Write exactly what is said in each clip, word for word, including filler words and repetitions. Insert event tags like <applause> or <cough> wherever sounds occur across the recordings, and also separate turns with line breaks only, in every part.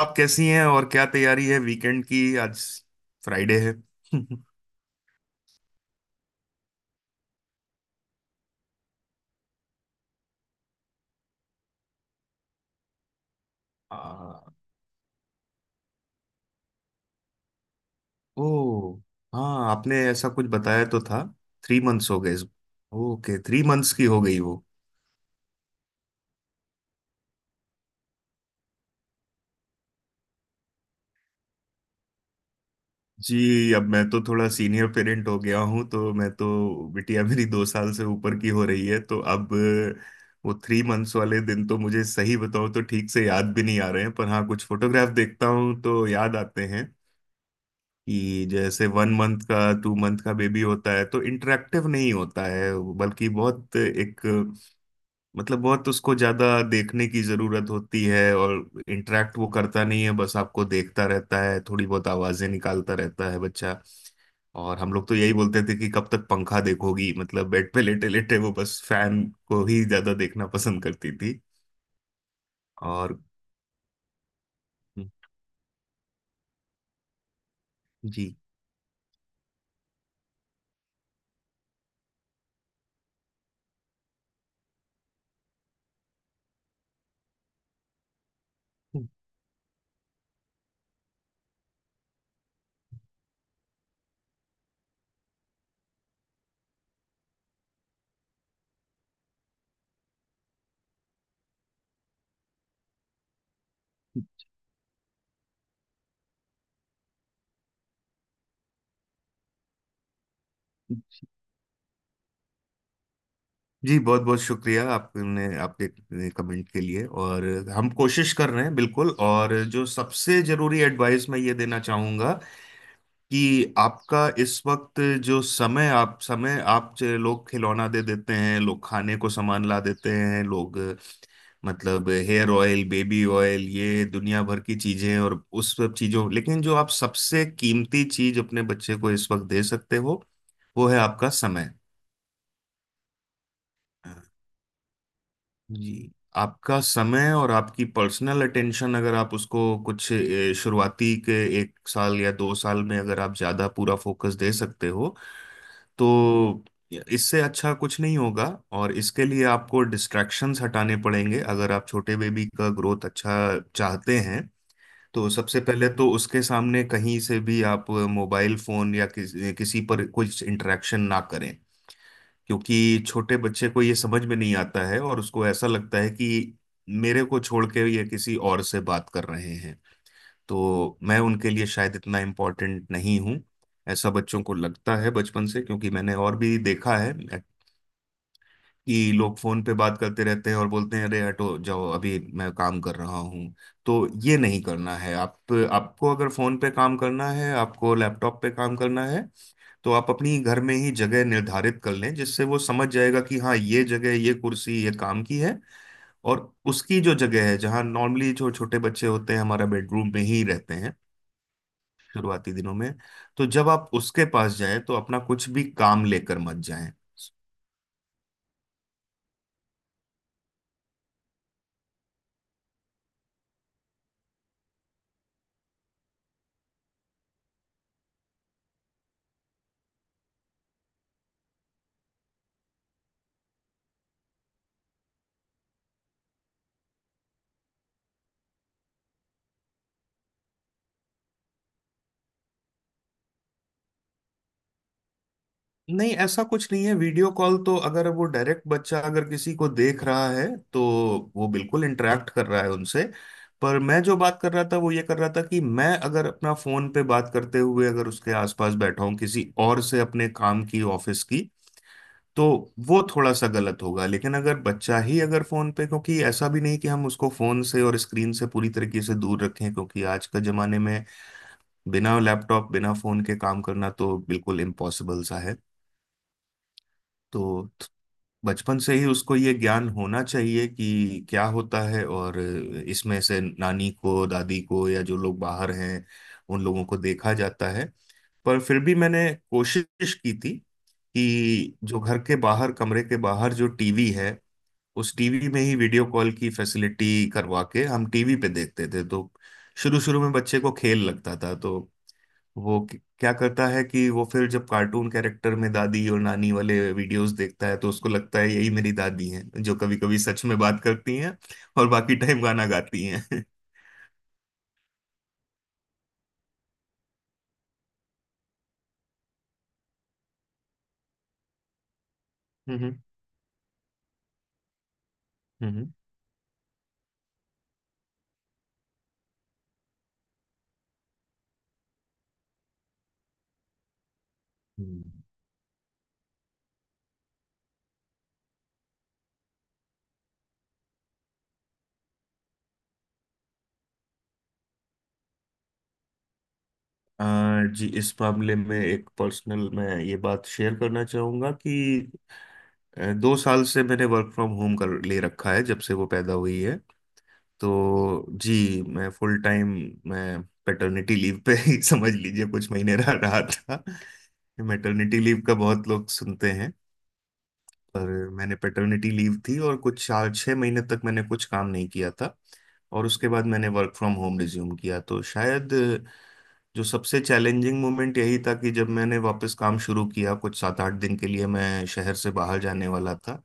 आप कैसी हैं? और क्या तैयारी है वीकेंड की आज? फ्राइडे है। <laughs> आ, ओ। हाँ, आपने ऐसा कुछ बताया तो था। थ्री मंथ्स हो गए इस- ओके, थ्री मंथ्स की हो गई वो। जी, अब मैं तो थोड़ा सीनियर पेरेंट हो गया हूँ, तो मैं तो बिटिया मेरी दो साल से ऊपर की हो रही है, तो अब अ, वो थ्री मंथ्स वाले दिन तो मुझे सही बताऊँ तो ठीक से याद भी नहीं आ रहे हैं, पर हाँ, कुछ फोटोग्राफ देखता हूँ तो याद आते हैं कि जैसे वन मंथ का टू मंथ का बेबी होता है तो इंटरेक्टिव नहीं होता है। बल्कि बहुत एक मतलब बहुत उसको ज्यादा देखने की जरूरत होती है, और इंटरेक्ट वो करता नहीं है, बस आपको देखता रहता है, थोड़ी बहुत आवाजें निकालता रहता है बच्चा। और हम लोग तो यही बोलते थे कि कब तक पंखा देखोगी, मतलब बेड पे लेटे लेटे वो बस फैन को ही ज्यादा देखना पसंद करती थी। और जी जी, बहुत बहुत शुक्रिया, आपने आपके कमेंट के लिए। और हम कोशिश कर रहे हैं बिल्कुल। और जो सबसे जरूरी एडवाइस मैं ये देना चाहूँगा कि आपका इस वक्त जो समय आप समय आप ज- लोग खिलौना दे देते हैं, लोग खाने को सामान ला देते हैं, लोग मतलब हेयर ऑयल, बेबी ऑयल, ये दुनिया भर की चीज़ें। और उस सब चीज़ों, लेकिन जो आप सबसे कीमती चीज़ अपने बच्चे को इस वक्त दे सकते हो, वो है आपका समय। जी, आपका समय और आपकी पर्सनल अटेंशन अगर आप उसको कुछ ए, शुरुआती के एक साल या दो साल में अगर आप ज़्यादा पूरा फोकस दे सकते हो तो इससे अच्छा कुछ नहीं होगा। और इसके लिए आपको डिस्ट्रैक्शंस हटाने पड़ेंगे अगर आप छोटे बेबी का ग्रोथ अच्छा चाहते हैं। तो सबसे पहले तो उसके सामने कहीं से भी आप मोबाइल फोन या किस, किसी पर कुछ इंटरेक्शन ना करें। क्योंकि छोटे बच्चे को ये समझ में नहीं आता है, और उसको ऐसा लगता है कि मेरे को छोड़ के ये किसी और से बात कर रहे हैं, तो मैं उनके लिए शायद इतना इम्पोर्टेंट नहीं हूँ। ऐसा बच्चों को लगता है बचपन से, क्योंकि मैंने और भी देखा है कि लोग फोन पे बात करते रहते हैं और बोलते हैं, अरे हटो जाओ, अभी मैं काम कर रहा हूँ। तो ये नहीं करना है। आप, आपको अगर फोन पे काम करना है, आपको लैपटॉप पे काम करना है, तो आप अपनी घर में ही जगह निर्धारित कर लें, जिससे वो समझ जाएगा कि हाँ, ये जगह, ये कुर्सी ये काम की है। और उसकी जो जगह है जहाँ नॉर्मली जो छोटे बच्चे होते हैं, हमारा बेडरूम में ही रहते हैं शुरुआती दिनों में, तो जब आप उसके पास जाएं तो अपना कुछ भी काम लेकर मत जाएं। नहीं, ऐसा कुछ नहीं है। वीडियो कॉल तो अगर वो डायरेक्ट बच्चा अगर किसी को देख रहा है, तो वो बिल्कुल इंटरेक्ट कर रहा है उनसे। पर मैं जो बात कर रहा था वो ये कर रहा था कि मैं अगर अपना फोन पे बात करते हुए अगर उसके आसपास बैठा हूँ किसी और से, अपने काम की, ऑफिस की, तो वो थोड़ा सा गलत होगा। लेकिन अगर बच्चा ही अगर फोन पे, क्योंकि ऐसा भी नहीं कि हम उसको फोन से और स्क्रीन से पूरी तरीके से दूर रखें, क्योंकि आज के जमाने में बिना लैपटॉप बिना फोन के काम करना तो बिल्कुल इम्पॉसिबल सा है। तो बचपन से ही उसको ये ज्ञान होना चाहिए कि क्या होता है, और इसमें से नानी को, दादी को, या जो लोग बाहर हैं उन लोगों को देखा जाता है। पर फिर भी मैंने कोशिश की थी कि जो घर के बाहर, कमरे के बाहर जो टीवी है, उस टीवी में ही वीडियो कॉल की फैसिलिटी करवा के हम टीवी पे देखते थे। तो शुरू शुरू में बच्चे को खेल लगता था, तो वो क- क्या करता है कि वो फिर जब कार्टून कैरेक्टर में दादी और नानी वाले वीडियोस देखता है तो उसको लगता है यही मेरी दादी हैं जो कभी कभी सच में बात करती हैं और बाकी टाइम गाना गाती हैं। <laughs> हम्म। हम्म। हम्म। आ, जी, इस मामले में एक पर्सनल मैं ये बात शेयर करना चाहूंगा कि अ, दो साल से मैंने वर्क फ्रॉम होम कर ले रखा है, जब से वो पैदा हुई है। तो जी, मैं फुल टाइम, मैं पेटर्निटी लीव पे ही <laughs> समझ लीजिए कुछ महीने रह रहा था। मैटरनिटी लीव का बहुत लोग सुनते हैं, पर मैंने पेटर्निटी लीव थी, और कुछ चार छः महीने तक मैंने कुछ काम नहीं किया था। और उसके बाद मैंने वर्क फ्रॉम होम रिज्यूम किया, तो शायद जो सबसे चैलेंजिंग मोमेंट यही था कि जब मैंने वापस काम शुरू किया, कुछ सात आठ दिन के लिए मैं शहर से बाहर जाने वाला था,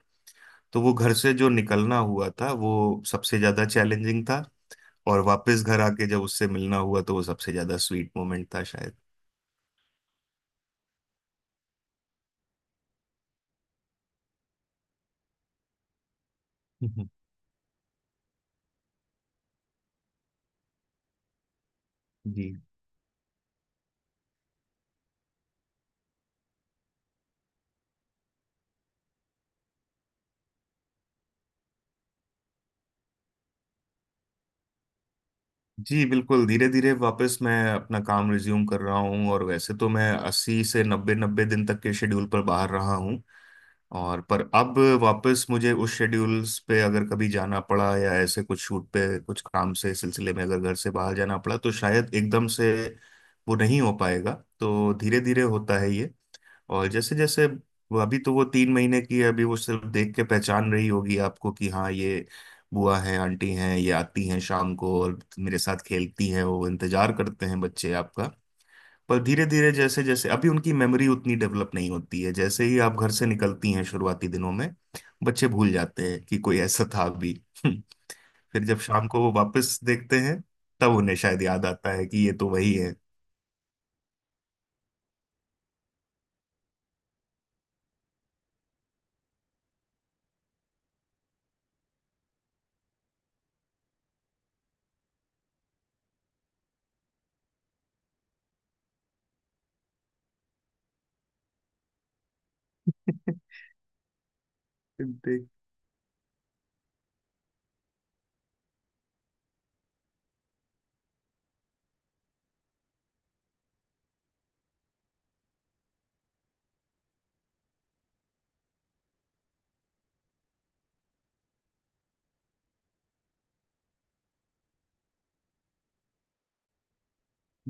तो वो घर से जो निकलना हुआ था वो सबसे ज़्यादा चैलेंजिंग था। और वापस घर आके जब उससे मिलना हुआ तो वो सबसे ज्यादा स्वीट मोमेंट था शायद। हम्म। जी जी बिल्कुल, धीरे धीरे वापस मैं अपना काम रिज्यूम कर रहा हूँ, और वैसे तो मैं अस्सी से नब्बे नब्बे दिन तक के शेड्यूल पर बाहर रहा हूँ। और पर अब वापस मुझे उस शेड्यूल्स पे अगर कभी जाना पड़ा या ऐसे कुछ शूट पे कुछ काम से सिलसिले में अगर घर से बाहर जाना पड़ा तो शायद एकदम से वो नहीं हो पाएगा। तो धीरे धीरे होता है ये। और जैसे जैसे वो, अभी तो वो तीन महीने की है, अभी वो सिर्फ देख के पहचान रही होगी आपको कि हाँ, ये बुआ है, आंटी हैं, ये आती हैं शाम को और मेरे साथ खेलती हैं, वो इंतजार करते हैं बच्चे आपका। पर धीरे धीरे, जैसे जैसे, अभी उनकी मेमोरी उतनी डेवलप नहीं होती है, जैसे ही आप घर से निकलती हैं शुरुआती दिनों में, बच्चे भूल जाते हैं कि कोई ऐसा था भी। <laughs> फिर जब शाम को वो वापस देखते हैं, तब उन्हें शायद याद आता है कि ये तो वही है। <laughs>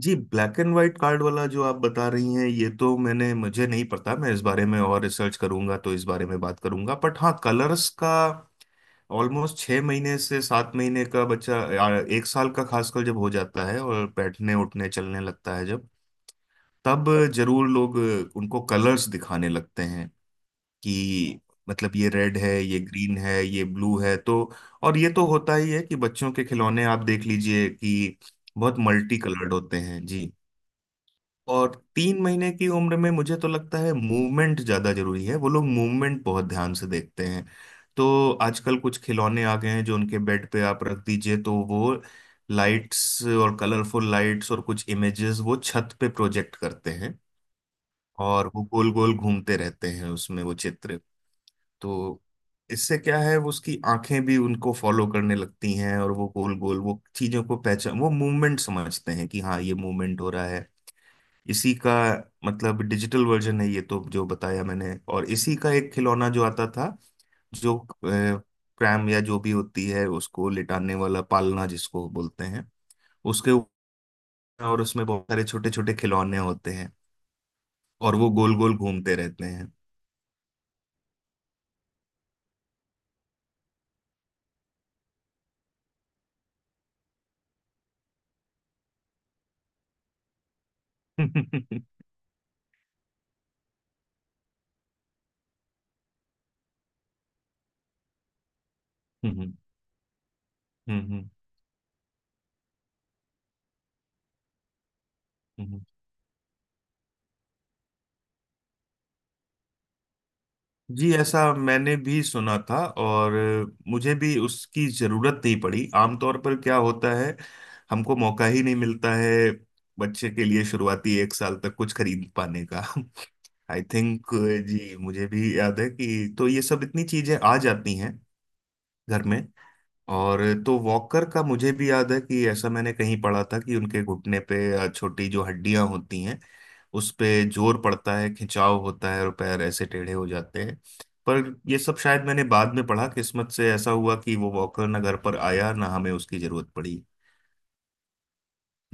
जी, ब्लैक एंड व्हाइट कार्ड वाला जो आप बता रही हैं, ये तो मैंने, मुझे नहीं पता, मैं इस बारे में और रिसर्च करूंगा तो इस बारे में बात करूंगा। बट हाँ, कलर्स का ऑलमोस्ट छः महीने से सात महीने का बच्चा या एक साल का खासकर जब हो जाता है और बैठने उठने चलने लगता है जब, तब जरूर लोग उनको कलर्स दिखाने लगते हैं कि मतलब ये रेड है, ये ग्रीन है, ये ब्लू है। तो, और ये तो होता ही है कि बच्चों के खिलौने आप देख लीजिए कि बहुत मल्टी कलर्ड होते हैं जी। और तीन महीने की उम्र में मुझे तो लगता है मूवमेंट ज्यादा जरूरी है, वो लोग मूवमेंट बहुत ध्यान से देखते हैं। तो आजकल कुछ खिलौने आ गए हैं जो उनके बेड पे आप रख दीजिए तो वो लाइट्स और कलरफुल लाइट्स और कुछ इमेजेस वो छत पे प्रोजेक्ट करते हैं, और वो गोल गोल घूमते रहते हैं उसमें वो चित्र। तो इससे क्या है, वो उसकी आंखें भी उनको फॉलो करने लगती हैं और वो गोल गोल वो चीजों को पहचान, वो मूवमेंट समझते हैं कि हाँ, ये मूवमेंट हो रहा है। इसी का मतलब डिजिटल वर्जन है ये तो, जो बताया मैंने। और इसी का एक खिलौना जो आता था, जो क्रैम या जो भी होती है उसको लिटाने वाला, पालना जिसको बोलते हैं, उसके ऊपर, और उसमें बहुत सारे छोटे छोटे खिलौने होते हैं, और वो गोल गोल घूमते रहते हैं। <laughs> हम्म। हम्म। हम्म। हम्म। जी, ऐसा मैंने भी सुना था, और मुझे भी उसकी जरूरत नहीं पड़ी। आमतौर पर क्या होता है, हमको मौका ही नहीं मिलता है बच्चे के लिए शुरुआती एक साल तक कुछ खरीद पाने का। <laughs> आई थिंक, जी मुझे भी याद है कि, तो ये सब इतनी चीजें आ जाती हैं घर में। और तो वॉकर का मुझे भी याद है कि ऐसा मैंने कहीं पढ़ा था कि उनके घुटने पे अ, छोटी जो हड्डियां होती हैं उस पे जोर पड़ता है, खिंचाव होता है, और पैर ऐसे टेढ़े हो जाते हैं। पर ये सब शायद मैंने बाद में पढ़ा, किस्मत से ऐसा हुआ कि वो वॉकर ना घर पर आया ना हमें उसकी जरूरत पड़ी।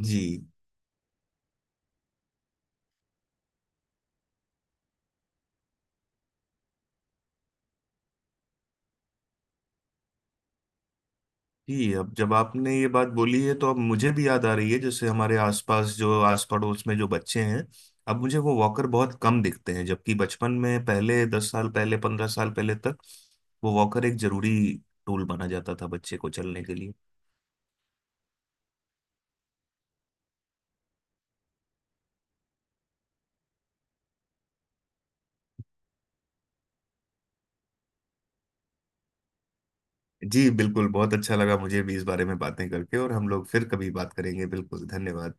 जी, जी, अब जब आपने ये बात बोली है तो अब मुझे भी याद आ रही है, जैसे हमारे आसपास जो आस पड़ोस में जो बच्चे हैं, अब मुझे वो वॉकर बहुत कम दिखते हैं, जबकि बचपन में, पहले दस साल पहले, पंद्रह साल पहले तक वो वॉकर एक जरूरी टूल माना जाता था बच्चे को चलने के लिए। जी बिल्कुल, बहुत अच्छा लगा मुझे भी इस बारे में बातें करके, और हम लोग फिर कभी बात करेंगे। बिल्कुल, धन्यवाद।